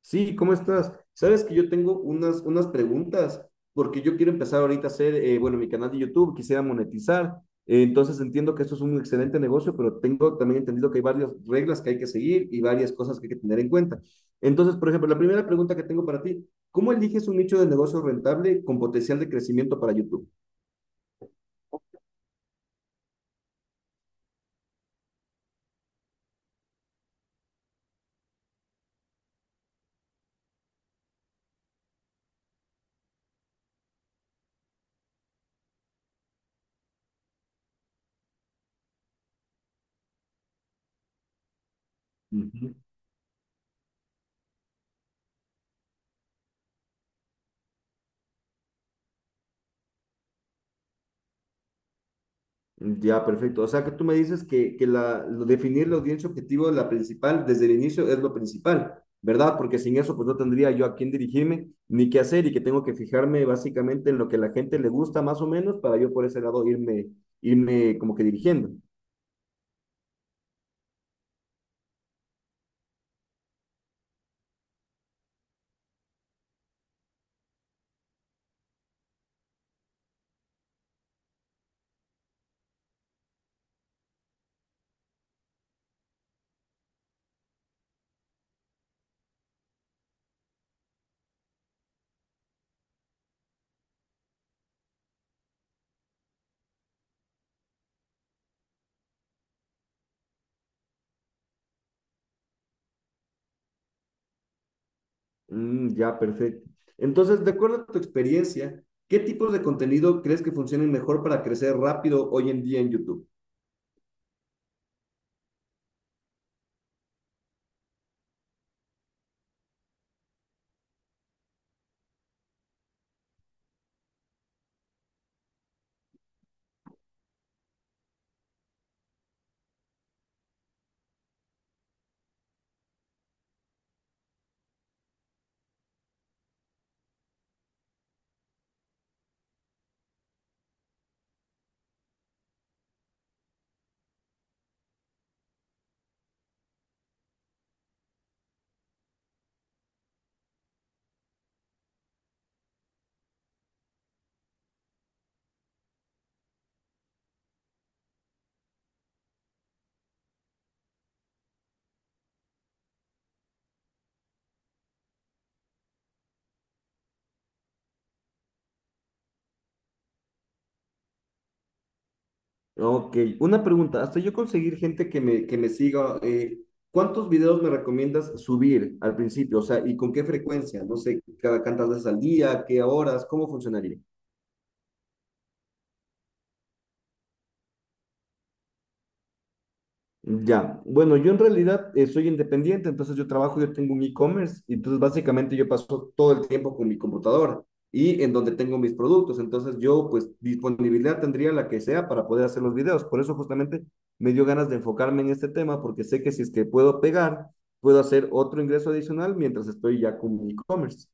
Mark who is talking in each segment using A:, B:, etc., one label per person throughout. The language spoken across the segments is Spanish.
A: Sí, ¿cómo estás? Sabes que yo tengo unas preguntas, porque yo quiero empezar ahorita a hacer, bueno, mi canal de YouTube, quisiera monetizar. Entonces entiendo que esto es un excelente negocio, pero tengo también entendido que hay varias reglas que hay que seguir y varias cosas que hay que tener en cuenta. Entonces, por ejemplo, la primera pregunta que tengo para ti, ¿cómo eliges un nicho de negocio rentable con potencial de crecimiento para YouTube? Ujú. Ya, perfecto. O sea que tú me dices que definir la audiencia objetivo, la principal, desde el inicio es lo principal, ¿verdad? Porque sin eso, pues no tendría yo a quién dirigirme ni qué hacer, y que tengo que fijarme básicamente en lo que la gente le gusta más o menos para yo por ese lado irme como que dirigiendo. Mm, ya, perfecto. Entonces, de acuerdo a tu experiencia, ¿qué tipos de contenido crees que funcionen mejor para crecer rápido hoy en día en YouTube? Ok, una pregunta, hasta yo conseguir gente que me siga, ¿cuántos videos me recomiendas subir al principio? O sea, ¿y con qué frecuencia? No sé, cada cuántas veces al día, qué horas, ¿cómo funcionaría? Ya, bueno, yo en realidad soy independiente, entonces yo trabajo, yo tengo un e-commerce, y entonces básicamente yo paso todo el tiempo con mi computadora y en donde tengo mis productos, entonces yo pues disponibilidad tendría la que sea para poder hacer los videos, por eso justamente me dio ganas de enfocarme en este tema, porque sé que si es que puedo pegar, puedo hacer otro ingreso adicional mientras estoy ya con mi e-commerce.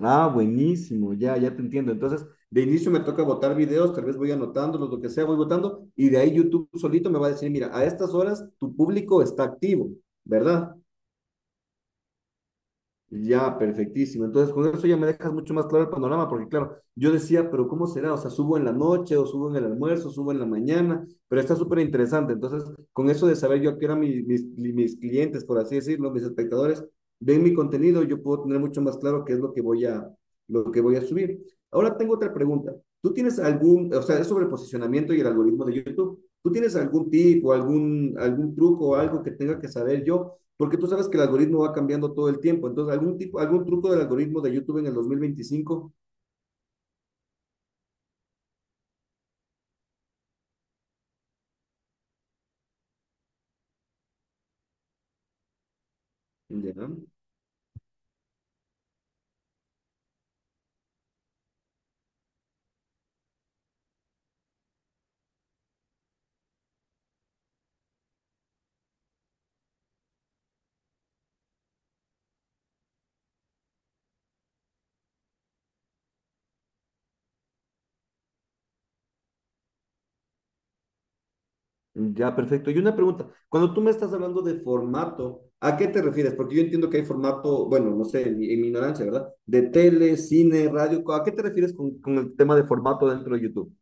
A: Ah, buenísimo, ya, ya te entiendo. Entonces, de inicio me toca botar videos, tal vez voy anotándolos, lo que sea, voy votando, y de ahí YouTube solito me va a decir, mira, a estas horas tu público está activo, ¿verdad? Ya, perfectísimo. Entonces, con eso ya me dejas mucho más claro el panorama, porque claro, yo decía, pero ¿cómo será? O sea, subo en la noche, o subo en el almuerzo, subo en la mañana, pero está súper interesante. Entonces, con eso de saber yo a qué eran mis clientes, por así decirlo, mis espectadores, ven mi contenido, yo puedo tener mucho más claro qué es lo que voy a subir. Ahora tengo otra pregunta. ¿Tú tienes algún, o sea, es sobre el posicionamiento y el algoritmo de YouTube? ¿Tú tienes algún tip o algún truco o algo que tenga que saber yo, porque tú sabes que el algoritmo va cambiando todo el tiempo? Entonces, algún tipo, algún truco del algoritmo de YouTube en el 2025. Ya, ya, perfecto. Y una pregunta. Cuando tú me estás hablando de formato, ¿a qué te refieres? Porque yo entiendo que hay formato, bueno, no sé, mi en mi ignorancia, ¿verdad? De tele, cine, radio. ¿A qué te refieres con el tema de formato dentro de YouTube?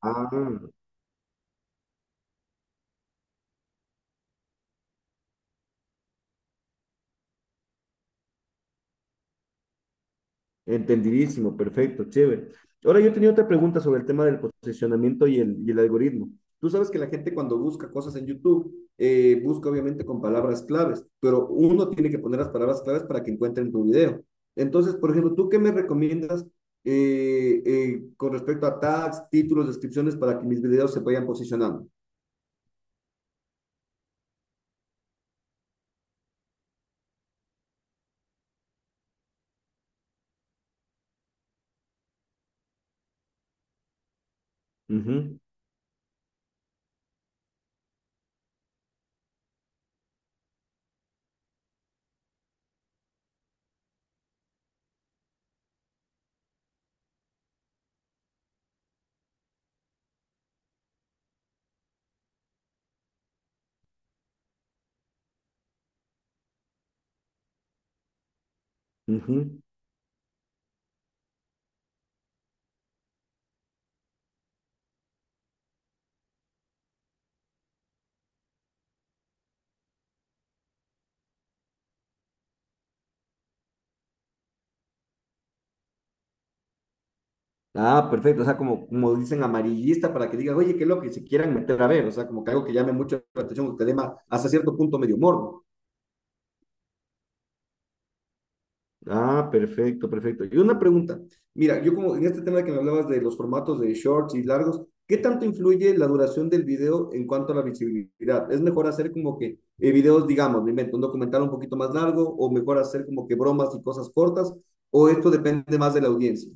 A: Ah, entendidísimo, perfecto, chévere. Ahora yo tenía otra pregunta sobre el tema del posicionamiento y el algoritmo. Tú sabes que la gente cuando busca cosas en YouTube, busca obviamente con palabras claves, pero uno tiene que poner las palabras claves para que encuentren tu video. Entonces, por ejemplo, ¿tú qué me recomiendas con respecto a tags, títulos, descripciones para que mis videos se vayan posicionando? Ujú, ujú. Ah, perfecto. O sea, como, como dicen, amarillista, para que digan, oye, qué loco, y se quieran meter a ver. O sea, como que algo que llame mucho la atención, o que dé hasta cierto punto medio morbo. Ah, perfecto, perfecto. Y una pregunta. Mira, yo como en este tema que me hablabas de los formatos de shorts y largos, ¿qué tanto influye la duración del video en cuanto a la visibilidad? ¿Es mejor hacer como que videos, digamos, me invento, un documental un poquito más largo, o mejor hacer como que bromas y cosas cortas? ¿O esto depende más de la audiencia?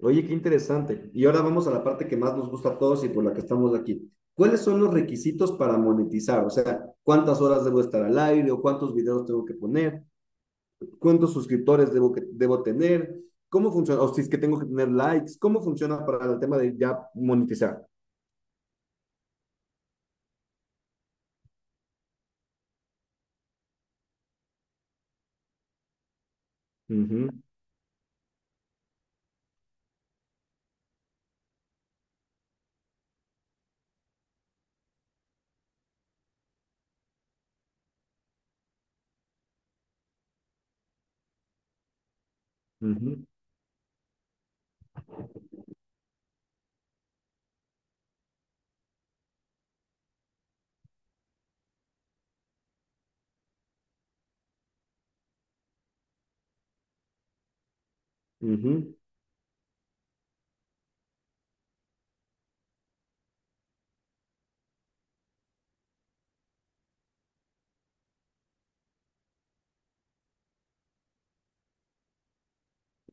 A: Oye, qué interesante. Y ahora vamos a la parte que más nos gusta a todos y por la que estamos aquí. ¿Cuáles son los requisitos para monetizar? O sea, ¿cuántas horas debo estar al aire o cuántos videos tengo que poner? ¿Cuántos suscriptores debo tener? ¿Cómo funciona? O si es que tengo que tener likes, ¿cómo funciona para el tema de ya monetizar? Ujú, ujú, ujú.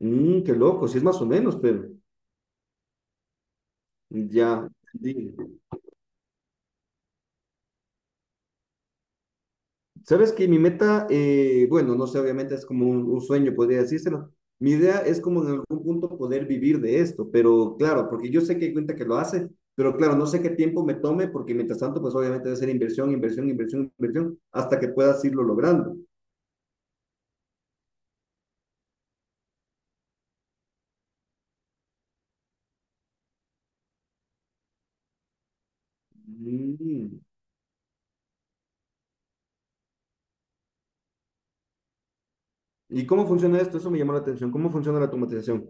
A: Mm, qué loco, sí es más o menos, pero ya, entendí. Sabes que mi meta, bueno, no sé, obviamente es como un sueño, podría decírselo. Mi idea es como en algún punto poder vivir de esto, pero claro, porque yo sé que hay cuenta que lo hace, pero claro, no sé qué tiempo me tome, porque mientras tanto, pues obviamente debe ser inversión, inversión, inversión, inversión, hasta que puedas irlo logrando. Mm. ¿Y cómo funciona esto? Eso me llamó la atención. ¿Cómo funciona la automatización?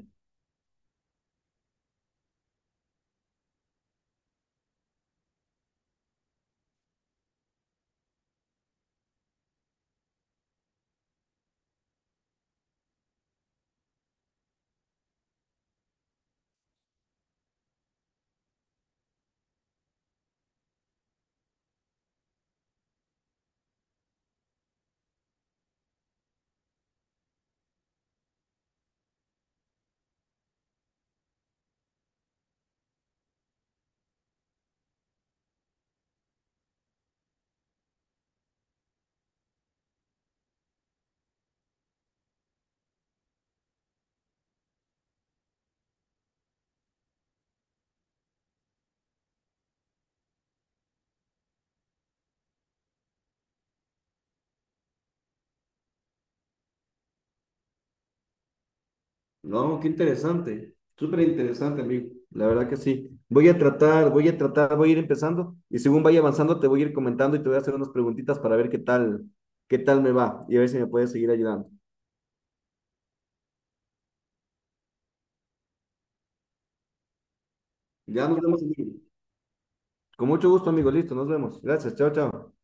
A: No, qué interesante, súper interesante, amigo. La verdad que sí. Voy a tratar, voy a ir empezando y según vaya avanzando te voy a ir comentando y te voy a hacer unas preguntitas para ver qué tal me va y a ver si me puedes seguir ayudando. Ya nos vemos, amigo. Con mucho gusto, amigo. Listo, nos vemos. Gracias. Chao, chao.